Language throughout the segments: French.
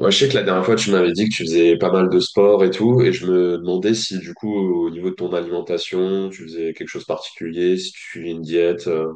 Ouais, je sais que la dernière fois, tu m'avais dit que tu faisais pas mal de sport et tout, et je me demandais si, du coup, au niveau de ton alimentation, tu faisais quelque chose de particulier, si tu suivais une diète.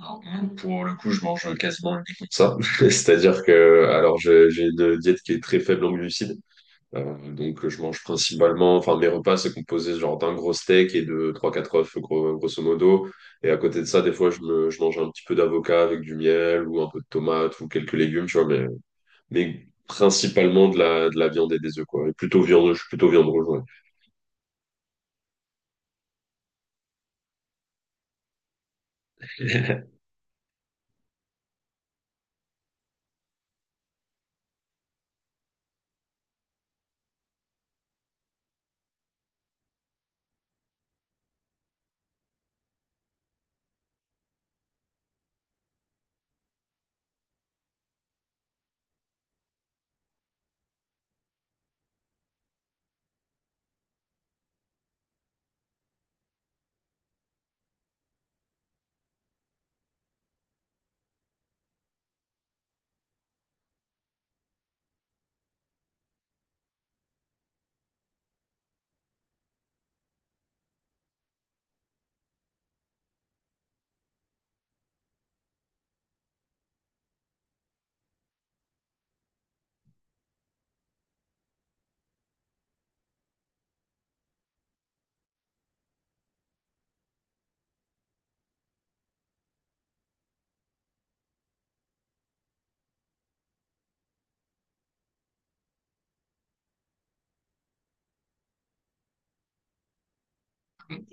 Non, pour le coup, je mange quasiment uniquement ça. C'est-à-dire que, alors, j'ai une diète qui est très faible en glucides. Donc, je mange principalement, enfin, mes repas, c'est composé genre d'un gros steak et de trois quatre œufs, grosso modo. Et à côté de ça, des fois, je mange un petit peu d'avocat avec du miel ou un peu de tomate ou quelques légumes, tu vois, mais principalement de la viande et des œufs, quoi. Et plutôt viande, je suis plutôt viande rouge, ouais.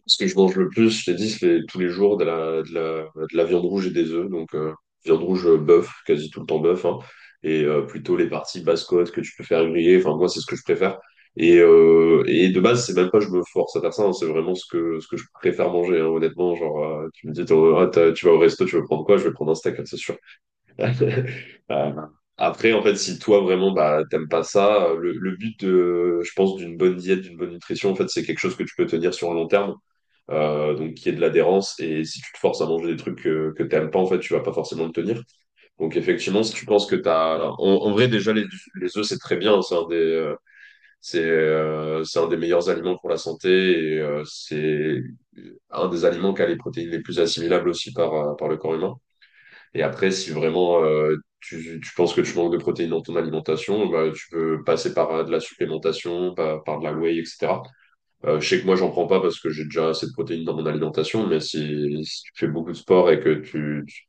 Ce que je mange le plus, je t'ai dit, c'est tous les jours de la viande rouge et des œufs. Donc, viande rouge, bœuf, quasi tout le temps bœuf, hein. Et plutôt les parties basse-côte que tu peux faire griller. Enfin, moi, c'est ce que je préfère. Et de base, c'est même pas je me force à faire ça, hein, c'est vraiment ce que je préfère manger, hein, honnêtement. Genre, tu me dis, t'as- tu vas au resto, tu veux prendre quoi? Je vais prendre un steak, hein, c'est sûr. Euh, Après, en fait, si toi vraiment bah, t'aimes pas ça, le but, de, je pense, d'une bonne diète, d'une bonne nutrition, en fait, c'est quelque chose que tu peux tenir sur un long terme, donc qui est de l'adhérence. Et si tu te forces à manger des trucs que t'aimes pas, en fait, tu vas pas forcément le tenir. Donc, effectivement, si tu penses que t'as, en vrai, déjà les œufs, c'est très bien, hein. C'est, c'est un des meilleurs aliments pour la santé et c'est un des aliments qui a les protéines les plus assimilables aussi par, par le corps humain. Et après, si vraiment tu penses que tu manques de protéines dans ton alimentation, bah, tu peux passer par de la supplémentation, par de la whey, etc. Je sais que moi, j'en prends pas parce que j'ai déjà assez de protéines dans mon alimentation, mais si tu fais beaucoup de sport et que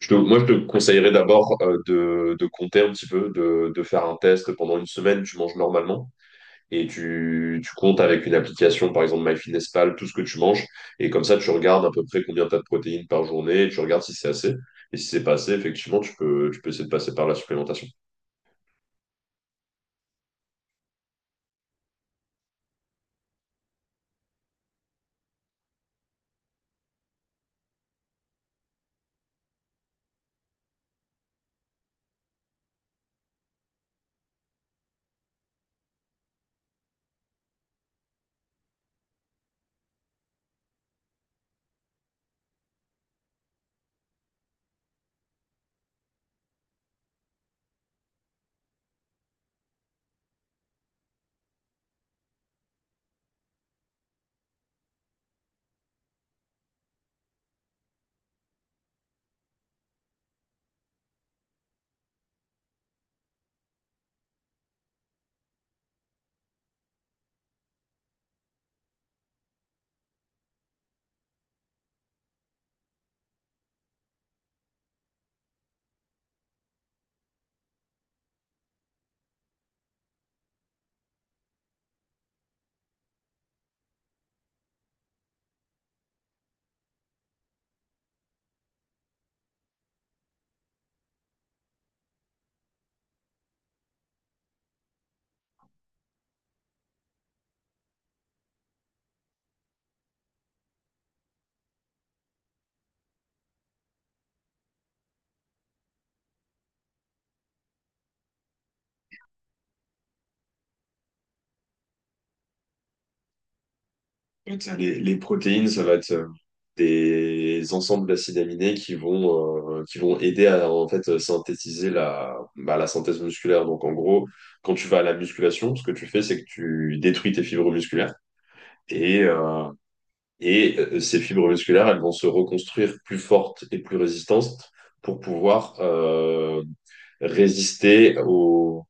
moi, je te conseillerais d'abord de compter un petit peu, de faire un test pendant une semaine, tu manges normalement et tu comptes avec une application, par exemple MyFitnessPal, tout ce que tu manges. Et comme ça, tu regardes à peu près combien tu as de protéines par journée et tu regardes si c'est assez. Et si c'est pas assez, effectivement, tu peux essayer de passer par la supplémentation. Les protéines, ça va être des ensembles d'acides aminés qui vont aider à en fait, synthétiser la synthèse musculaire. Donc en gros, quand tu vas à la musculation, ce que tu fais, c'est que tu détruis tes fibres musculaires. Et euh, Ces fibres musculaires, elles vont se reconstruire plus fortes et plus résistantes pour pouvoir résister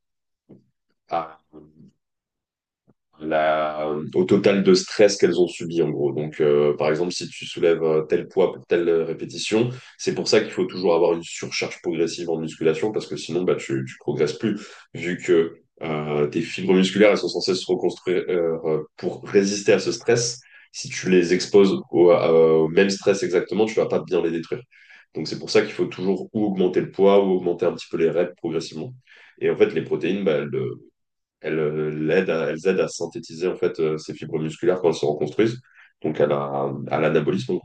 à, la, au total de stress qu'elles ont subi en gros. Donc, par exemple, si tu soulèves tel poids pour telle répétition, c'est pour ça qu'il faut toujours avoir une surcharge progressive en musculation parce que sinon, bah, tu progresses plus vu que tes fibres musculaires elles sont censées se reconstruire pour résister à ce stress. Si tu les exposes au même stress exactement, tu vas pas bien les détruire. Donc, c'est pour ça qu'il faut toujours ou augmenter le poids ou augmenter un petit peu les reps progressivement. Et en fait, les protéines, bah, elles aident à synthétiser en fait ces fibres musculaires quand elles se reconstruisent, donc à l'anabolisme.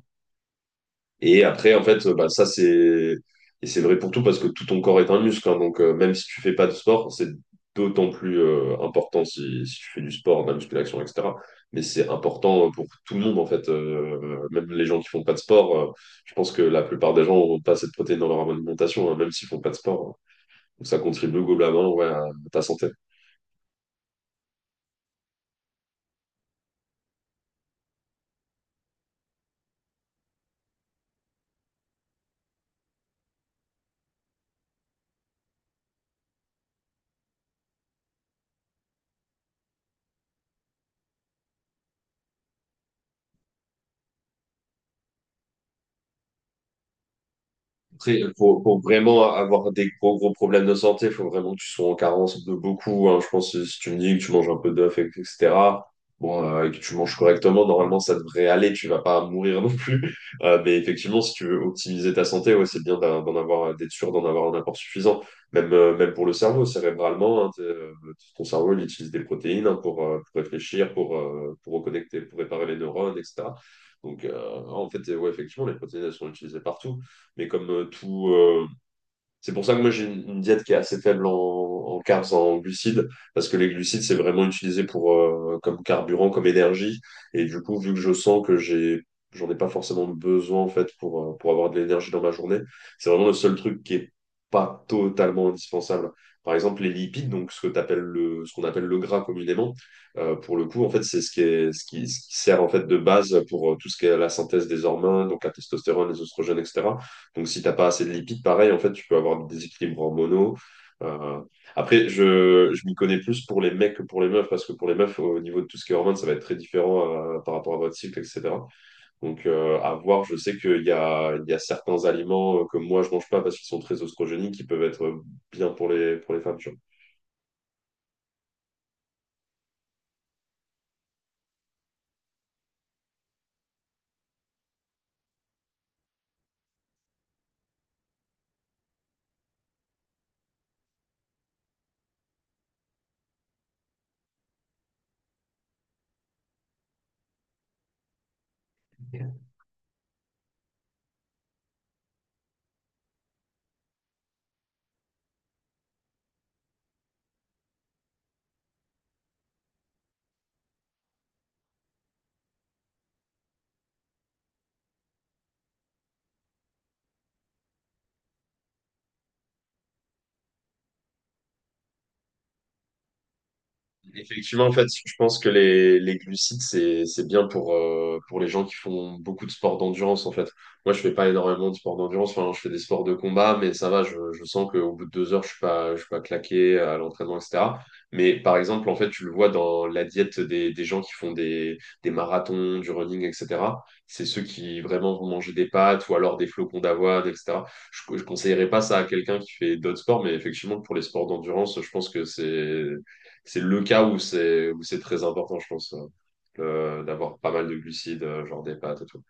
Et après, en fait, bah, ça c'est et c'est vrai pour tout parce que tout ton corps est un muscle, hein. Donc même si tu fais pas de sport, c'est d'autant plus important si tu fais du sport, de la musculation, etc. Mais c'est important pour tout le monde en fait, même les gens qui font pas de sport. Je pense que la plupart des gens ont pas assez de protéines dans leur alimentation, hein, même s'ils font pas de sport, hein. Donc ça contribue globalement ouais, à ta santé. Après, pour vraiment avoir des gros, gros problèmes de santé, il faut vraiment que tu sois en carence de beaucoup, hein. Je pense que si tu me dis que tu manges un peu d'œuf, etc., bon, et que tu manges correctement, normalement, ça devrait aller. Tu vas pas mourir non plus. Mais effectivement, si tu veux optimiser ta santé, ouais, c'est bien d'en avoir, d'être sûr d'en avoir un apport suffisant. Même, même pour le cerveau, cérébralement, hein, ton cerveau, il utilise des protéines hein, pour réfléchir, pour reconnecter, pour réparer les neurones, etc. Donc, en fait, ouais, effectivement, les protéines, elles sont utilisées partout. Mais comme c'est pour ça que moi j'ai une diète qui est assez faible en carbs, en glucides, parce que les glucides c'est vraiment utilisé pour comme carburant, comme énergie. Et du coup, vu que je sens que j'en ai pas forcément besoin en fait pour avoir de l'énergie dans ma journée, c'est vraiment le seul truc qui est pas totalement indispensable. Par exemple, les lipides, donc ce que t'appelles le, ce qu'on appelle le gras communément, pour le coup, en fait, c'est ce qui est, ce qui sert en fait de base pour tout ce qui est la synthèse des hormones, donc la testostérone, les oestrogènes, etc. Donc, si t'as pas assez de lipides, pareil, en fait, tu peux avoir des déséquilibres hormonaux. Euh, Après, je m'y connais plus pour les mecs que pour les meufs, parce que pour les meufs, au niveau de tout ce qui est hormones, ça va être très différent par rapport à votre cycle, etc. Donc, à voir, je sais qu'il y a certains aliments que moi, je mange pas parce qu'ils sont très oestrogéniques, qui peuvent être bien pour pour les femmes, tu vois. Effectivement, en fait, je pense que les glucides, c'est bien pour les gens qui font beaucoup de sports d'endurance, en fait. Moi, je fais pas énormément de sports d'endurance, enfin, je fais des sports de combat, mais ça va, je sens qu'au bout de 2 heures, je suis pas claqué à l'entraînement, etc. Mais par exemple, en fait, tu le vois dans la diète des gens qui font des marathons, du running, etc. C'est ceux qui vraiment vont manger des pâtes ou alors des flocons d'avoine, etc. Je conseillerais pas ça à quelqu'un qui fait d'autres sports, mais effectivement, pour les sports d'endurance, je pense que c'est le cas où c'est très important, je pense, d'avoir pas mal de glucides, genre des pâtes et tout.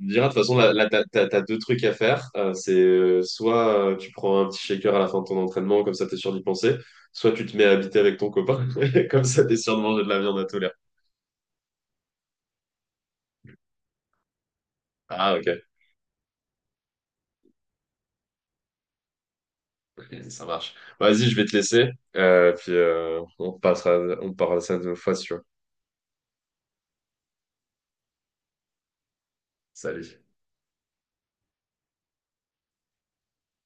Je dirais, de toute façon, t'as deux trucs à faire. C'est soit tu prends un petit shaker à la fin de ton entraînement, comme ça t'es sûr d'y penser, soit tu te mets à habiter avec ton copain, comme ça t'es sûr de manger de la viande à tous les repas. Ah, ok, ça marche. Vas-y, je vais te laisser, puis on passera, on parlera ça une autre fois, si tu veux. Salut.